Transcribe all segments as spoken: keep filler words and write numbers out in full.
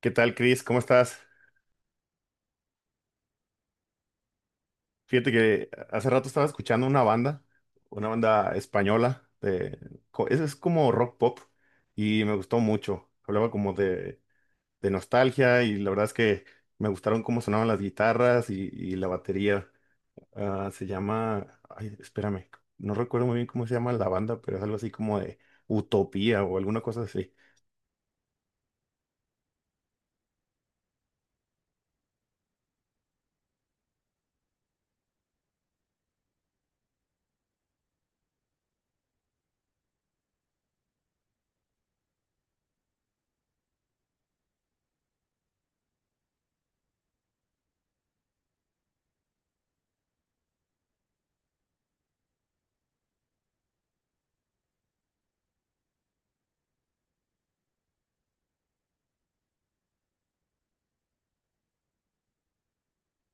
¿Qué tal, Chris? ¿Cómo estás? Fíjate que hace rato estaba escuchando una banda, una banda española, de, co- es, es como rock pop, y me gustó mucho. Hablaba como de, de nostalgia, y la verdad es que me gustaron cómo sonaban las guitarras y, y la batería. Ah, se llama, ay, espérame, no recuerdo muy bien cómo se llama la banda, pero es algo así como de Utopía o alguna cosa así.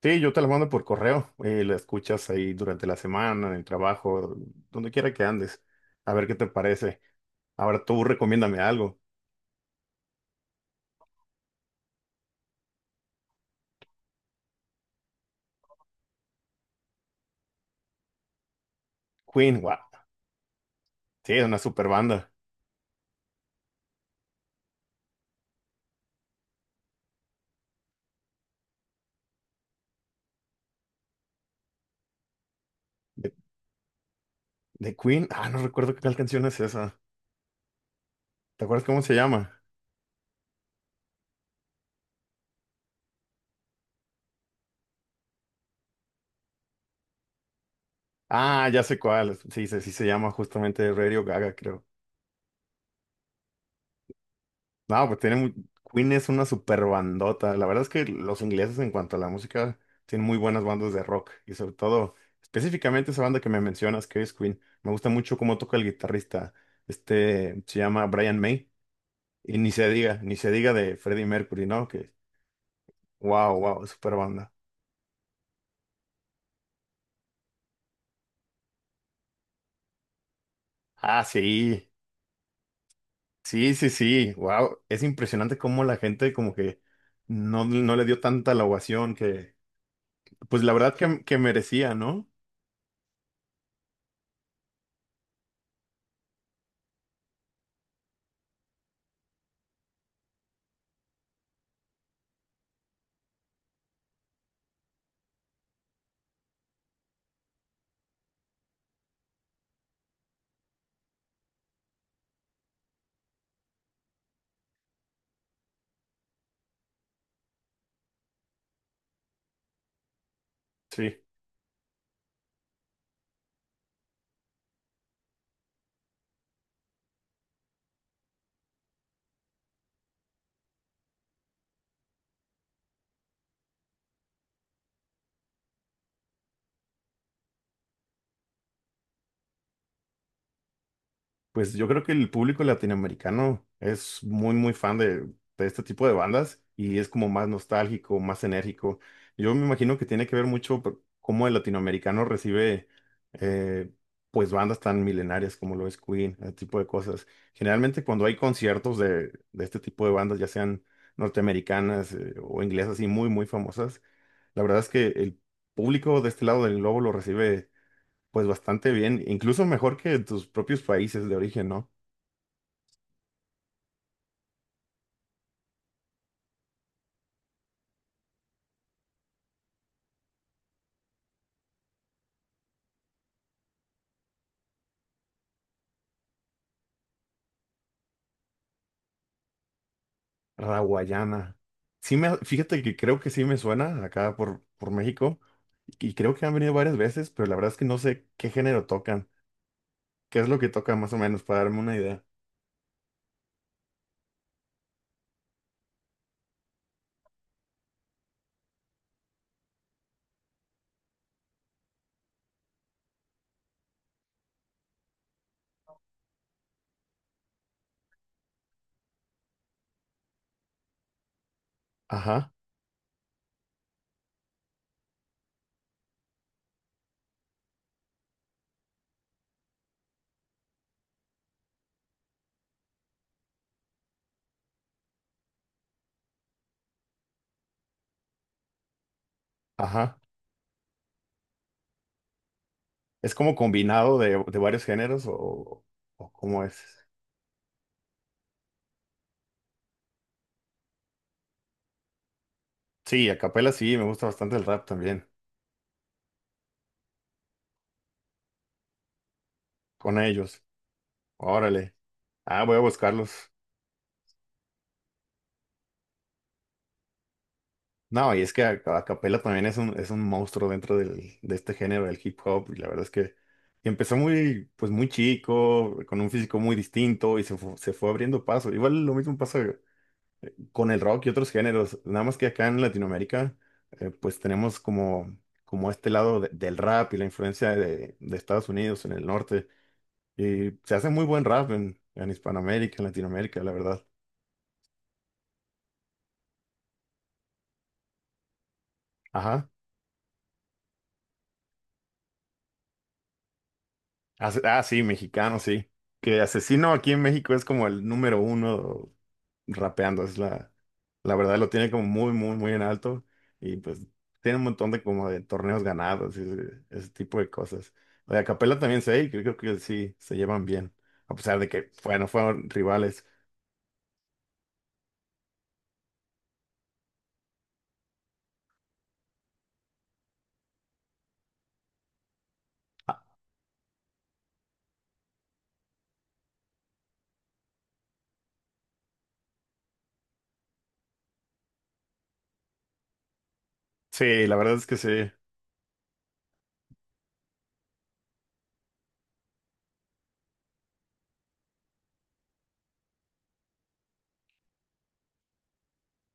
Sí, yo te las mando por correo, eh, la escuchas ahí durante la semana, en el trabajo, donde quiera que andes, a ver qué te parece. Ahora tú recomiéndame algo. Queen, wow, sí, es una super banda. De, de Queen, ah, no recuerdo qué tal canción es esa. ¿Te acuerdas cómo se llama? Ah, ya sé cuál, sí, sí, sí se llama justamente Radio Gaga, creo. No, pues tiene mu- Queen es una super bandota. La verdad es que los ingleses en cuanto a la música tienen muy buenas bandas de rock y sobre todo específicamente esa banda que me mencionas que es Queen. Me gusta mucho cómo toca el guitarrista. Este se llama Brian May, y ni se diga, ni se diga de Freddie Mercury, ¿no? Que wow, wow, super banda. Ah, sí. Sí, sí, sí. Wow, es impresionante cómo la gente como que no, no le dio tanta la ovación que, pues la verdad que, que merecía, ¿no? Sí. Pues yo creo que el público latinoamericano es muy, muy fan de, de este tipo de bandas, y es como más nostálgico, más enérgico. Yo me imagino que tiene que ver mucho por cómo el latinoamericano recibe eh, pues bandas tan milenarias como lo es Queen, ese tipo de cosas. Generalmente cuando hay conciertos de, de este tipo de bandas, ya sean norteamericanas, eh, o inglesas y muy, muy famosas, la verdad es que el público de este lado del globo lo recibe pues bastante bien, incluso mejor que tus propios países de origen, ¿no? Raguayana. Sí me, fíjate que creo que sí me suena acá por, por México, y creo que han venido varias veces, pero la verdad es que no sé qué género tocan, qué es lo que tocan más o menos para darme una idea. Ajá, ajá. ¿Es como combinado de, de varios géneros, o, o cómo es? Sí, a capela sí, me gusta bastante el rap también, con ellos. Órale. Ah, voy a buscarlos. No, y es que a- a- Acapella también es un, es un monstruo dentro del, de este género del hip hop, y la verdad es que empezó muy, pues muy chico, con un físico muy distinto, y se fu- se fue abriendo paso. Igual lo mismo pasa con el rock y otros géneros, nada más que acá en Latinoamérica, eh, pues tenemos como, como este lado de- del rap y la influencia de, de Estados Unidos en el norte, y se hace muy buen rap en, en Hispanoamérica, en Latinoamérica, la verdad. Ajá. As- Ah, sí, mexicano, sí. Que Asesino aquí en México es como el número uno rapeando, es la, la verdad lo tiene como muy, muy, muy en alto, y pues tiene un montón de como de torneos ganados y ese, ese tipo de cosas. Lo de Acapella también sé, y creo que sí, se llevan bien, a pesar de que, bueno, fueron rivales. Ah, sí, la verdad es que sí,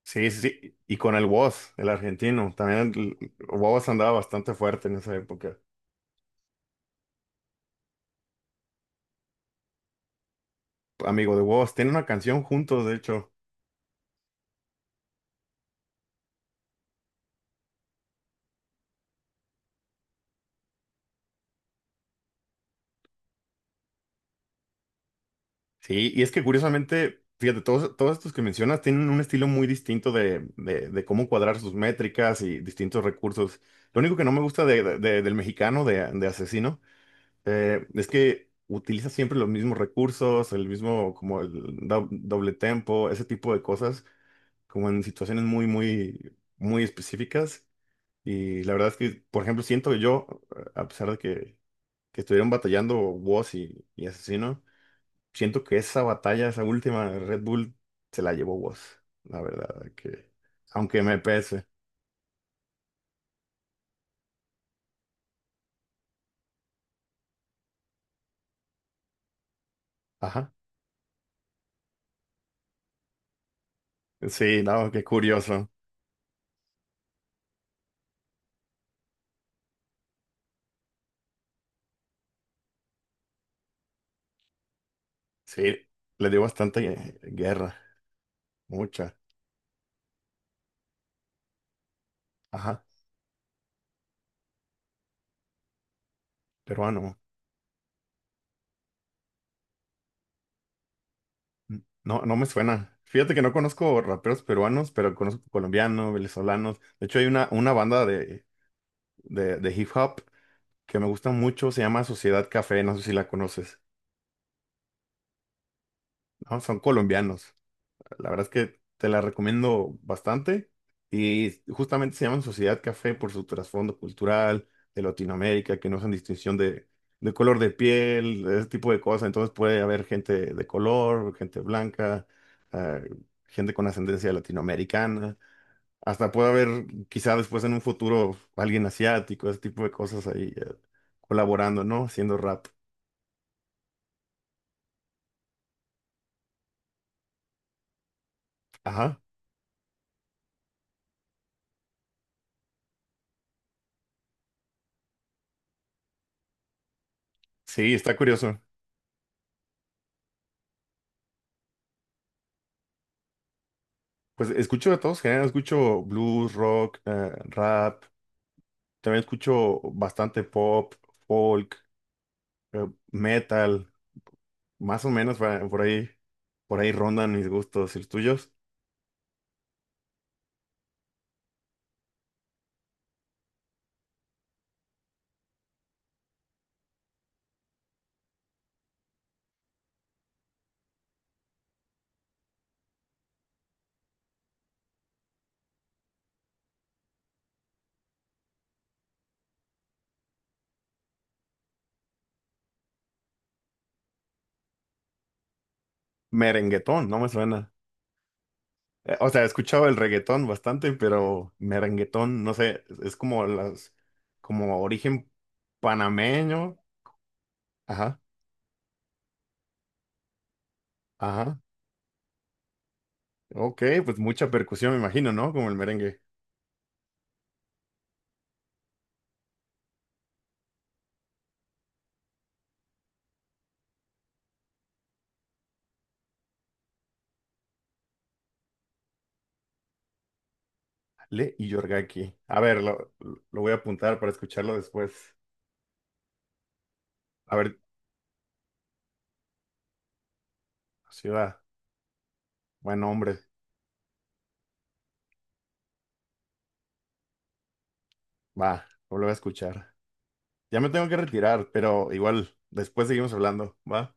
sí, sí, sí. Y con el Woz, el argentino, también el, el Woz andaba bastante fuerte en esa época. Amigo de Woz, tiene una canción juntos, de hecho. Sí, y es que curiosamente, fíjate, todos, todos estos que mencionas tienen un estilo muy distinto de, de- de cómo cuadrar sus métricas y distintos recursos. Lo único que no me gusta de- de- de- del mexicano, de, de Asesino, eh, es que utiliza siempre los mismos recursos, el mismo, como el do- doble tempo, ese tipo de cosas, como en situaciones muy, muy, muy específicas. Y la verdad es que, por ejemplo, siento que yo, a pesar de que, que estuvieron batallando Woz y, y Asesino, siento que esa batalla, esa última de Red Bull, se la llevó vos, la verdad, que aunque me pese. Ajá. Sí, no, qué curioso. Sí, le dio bastante eh, guerra, mucha. Ajá, peruano. N- No, no me suena. Fíjate que no conozco raperos peruanos, pero conozco colombianos, venezolanos. De hecho, hay una, una banda de, de, de hip hop que me gusta mucho, se llama Sociedad Café, no sé si la conoces. No, son colombianos. La verdad es que te la recomiendo bastante, y justamente se llaman Sociedad Café por su trasfondo cultural de Latinoamérica, que no hacen distinción de, de color de piel, de ese tipo de cosas. Entonces puede haber gente de color, gente blanca, eh, gente con ascendencia latinoamericana. Hasta puede haber, quizá después en un futuro, alguien asiático, ese tipo de cosas ahí eh, colaborando, ¿no? Haciendo rap. Ajá. Sí, está curioso. Pues escucho de todos géneros, escucho blues, rock, eh, rap, también escucho bastante pop, folk, eh, metal, más o menos pa- por ahí, por ahí rondan mis gustos y los tuyos. Merenguetón, no me suena. Eh, o sea, he escuchado el reggaetón bastante, pero merenguetón, no sé, es es como las, como origen panameño. Ajá, ajá. Ok, pues mucha percusión, me imagino, ¿no? Como el merengue. Le y Yorgaki. A ver, lo, lo voy a apuntar para escucharlo después. A ver, sí va. Buen hombre. Va, lo voy a escuchar. Ya me tengo que retirar, pero igual, después seguimos hablando, ¿va?